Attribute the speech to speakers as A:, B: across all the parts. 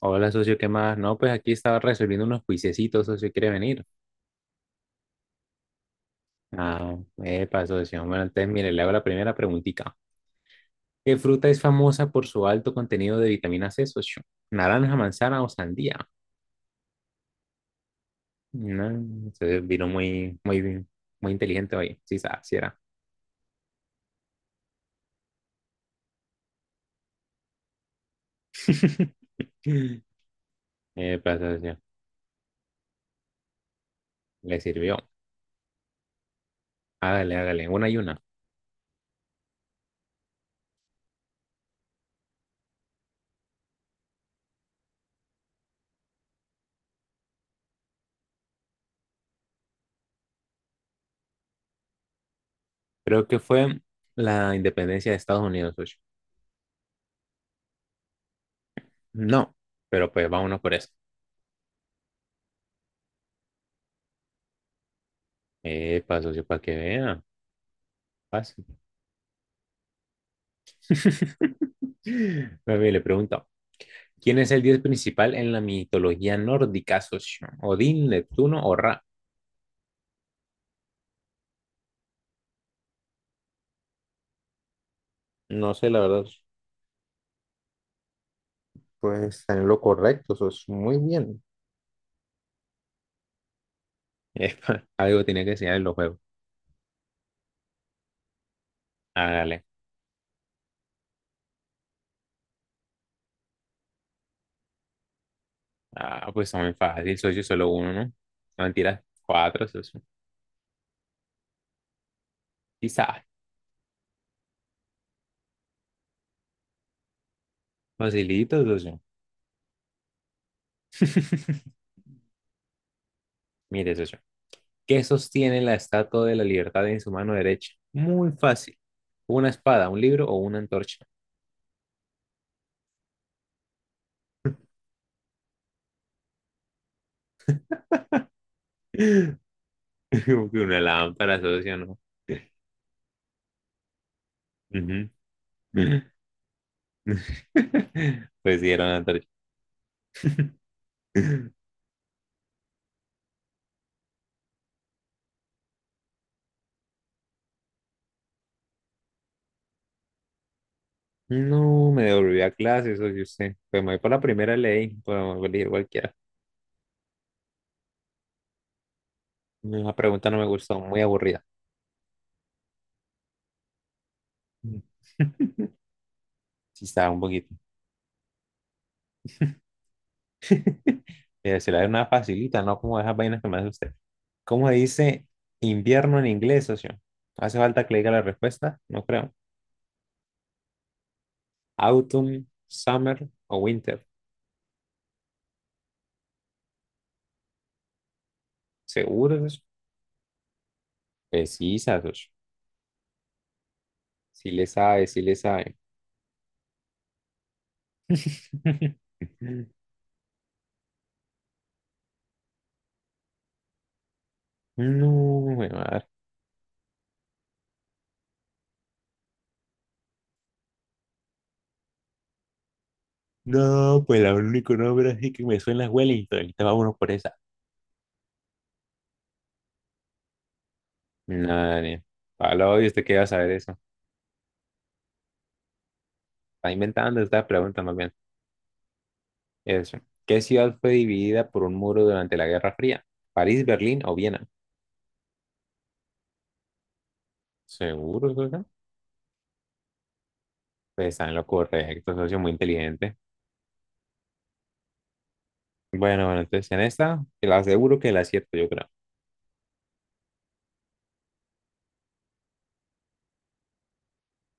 A: Hola, socio, ¿qué más? No, pues aquí estaba resolviendo unos juiciecitos, socio, ¿quiere venir? Ah, epa, socio. Bueno, entonces, mire, le hago la primera preguntita. ¿Qué fruta es famosa por su alto contenido de vitamina C, socio? ¿Naranja, manzana o sandía? No, entonces vino muy inteligente hoy. Sí, sí era. Epa, socio, le sirvió. Hágale, hágale, una y una. Creo que fue la independencia de Estados Unidos, socio. No, pero pues vámonos por eso. Epa, socio, para que vea. Fácil. Mami, le pregunto, ¿quién es el dios principal en la mitología nórdica, socio? ¿Odín, Neptuno o Ra? No sé, la verdad. Pues está en lo correcto, eso es muy bien. Epa, algo tenía que enseñar en los juegos. Hágale. Ah, pues está muy fácil, socio, solo uno, ¿no? No, mentiras, cuatro, socio. Quizá. Facilito, socio. Mire, socio. ¿Qué sostiene la estatua de la libertad en su mano derecha? Muy fácil. ¿Una espada, un libro o una antorcha? Como que una lámpara, socio, ¿no? Ujú. Pues sí, era una antorcha. No, me devolví a clase, socio, usted. Pues me voy por la primera ley, pero elegir cualquiera. La pregunta no me gustó, muy aburrida. Sí, estaba un poquito. Pero se la da una facilita, ¿no? Como esas vainas que me hace usted. ¿Cómo dice invierno en inglés, socio? ¿Hace falta que le diga la respuesta? No creo. Autumn, summer o winter. ¿Seguro? Pues sí, Satoshi. Sí le sabe, sí le sabe. No, me madre. No, pues el único nombre así que me suena es Wellington. Ahorita vámonos por esa. Nada Daniel. Pablo, ¿y usted qué va a saber eso? Está inventando esta pregunta más bien. Eso. ¿Qué ciudad fue dividida por un muro durante la Guerra Fría? ¿París, Berlín o Viena? ¿Seguro, socio? Pues está en lo correcto, socio, muy inteligente. Bueno, bueno, entonces en esta, te la aseguro que la acierto, yo creo.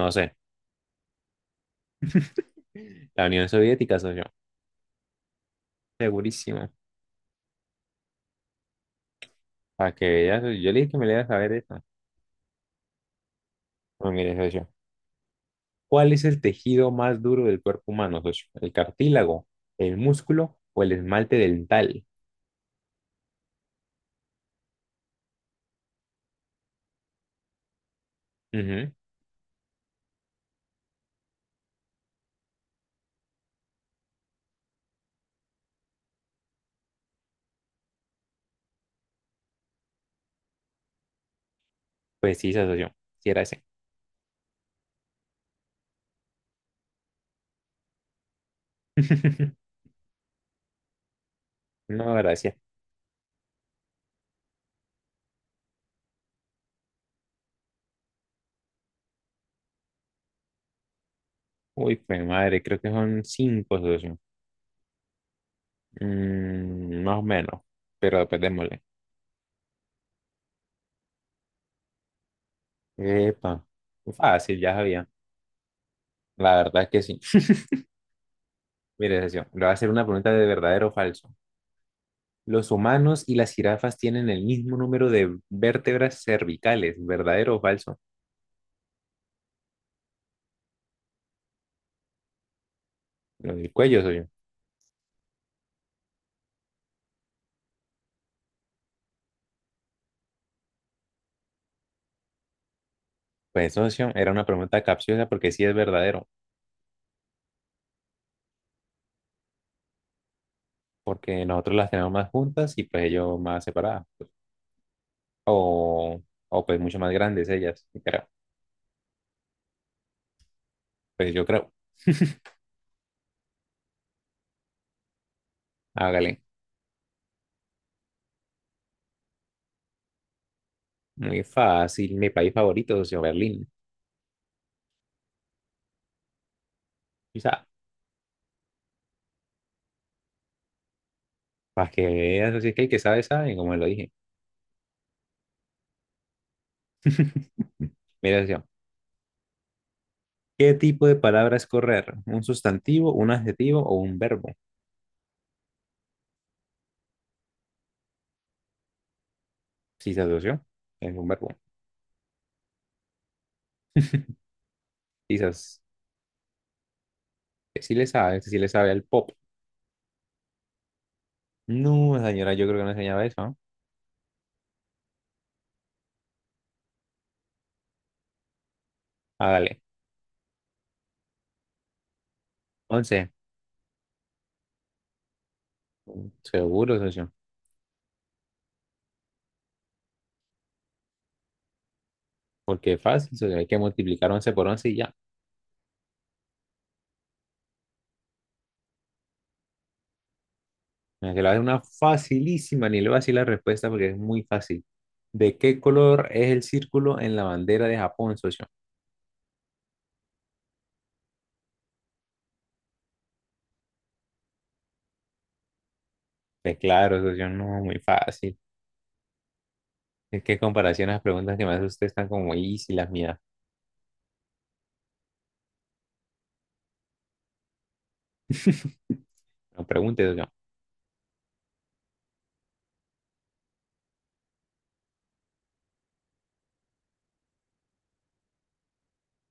A: No sé. La Unión Soviética, socio. Segurísimo. Para que veas, yo le dije que me le ibas a saber eso. Bueno, mire, socio. ¿Cuál es el tejido más duro del cuerpo humano, socio? ¿El cartílago, el músculo o el esmalte dental? Ujú. Pues sí, esa socio. Sí, era ese. No, gracias. Uy, pues madre, creo que son cinco, socio. Mm, más o menos. Pero después démosle. Epa. Fácil, ya sabía. La verdad es que sí. Mire, socio, le voy a hacer una pregunta de verdadero o falso. Los humanos y las jirafas tienen el mismo número de vértebras cervicales, ¿verdadero o falso? Lo del cuello soy yo. Pues socio, era una pregunta capciosa porque sí es verdadero, porque nosotros las tenemos más juntas y pues ellos más separadas, o, o pues mucho más grandes ellas, pero pues yo creo, hágale, muy fácil, mi país favorito, socio, Berlín. Quizá, para que veas, así que el que sabe, sabe, como lo dije. Mira, socio, ¿qué tipo de palabra es correr? ¿Un sustantivo, un adjetivo o un verbo? Sí, se asoció. Es un verbo. Quizás que sí le sabe, que sí le sabe al pop. No, señora, yo creo que no enseñaba eso, ¿no? Hágale. 11. Seguro, socio. Porque es fácil, socio. Hay que multiplicar 11 por once y ya. Mira, que la es una facilísima, ni le voy a decir la respuesta porque es muy fácil. ¿De qué color es el círculo en la bandera de Japón, socio? Pues claro, socio, no, muy fácil. Es que en comparación a las preguntas que me hace usted están como easy las mías. No pregunte, socio.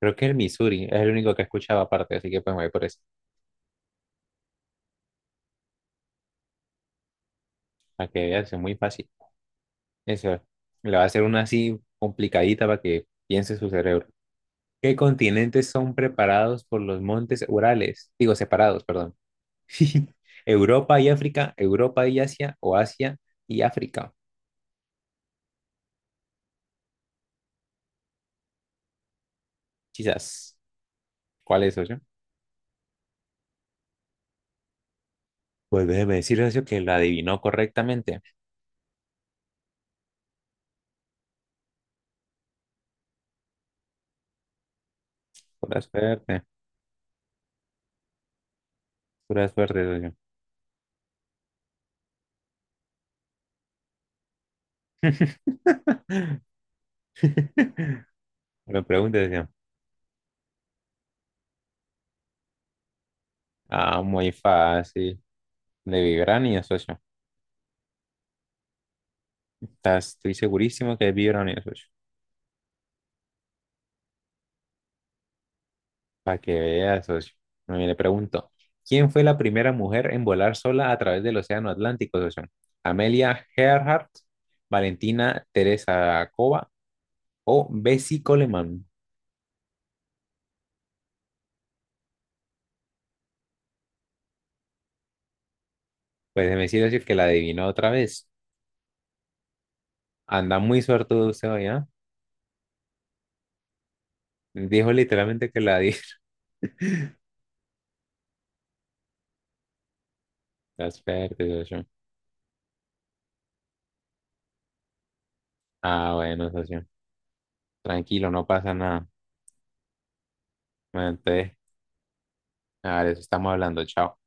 A: Creo que el Missouri es el único que escuchaba aparte, así que pues me voy por eso. Para que veas, es muy fácil. Eso, le va a hacer una así complicadita para que piense su cerebro. ¿Qué continentes son preparados por los montes Urales? Digo, separados, perdón. Europa y África, Europa y Asia, o Asia y África. Quizás. ¿Cuál es, socio? Pues déjeme decir, socio, que la adivinó correctamente. Pura suerte, pura suerte, socio. Me pregunta, socio. Ah, muy fácil. De Vibrania, socio. Estoy segurísimo que es Vibranium, socio. Para que veas, socio. Bueno, y le pregunto, ¿quién fue la primera mujer en volar sola a través del Océano Atlántico, socio? ¿Amelia Earhart, Valentina Teresa Cova o Bessie Coleman? Pues me decir socio, que la adivinó otra vez. Anda muy suertudo usted hoy, ¿ah? Dijo literalmente que la adivinó. Está suerte, socio. Ah, bueno, socio. Tranquilo, no pasa nada. Bueno, entonces, a ver, eso estamos hablando. Chao.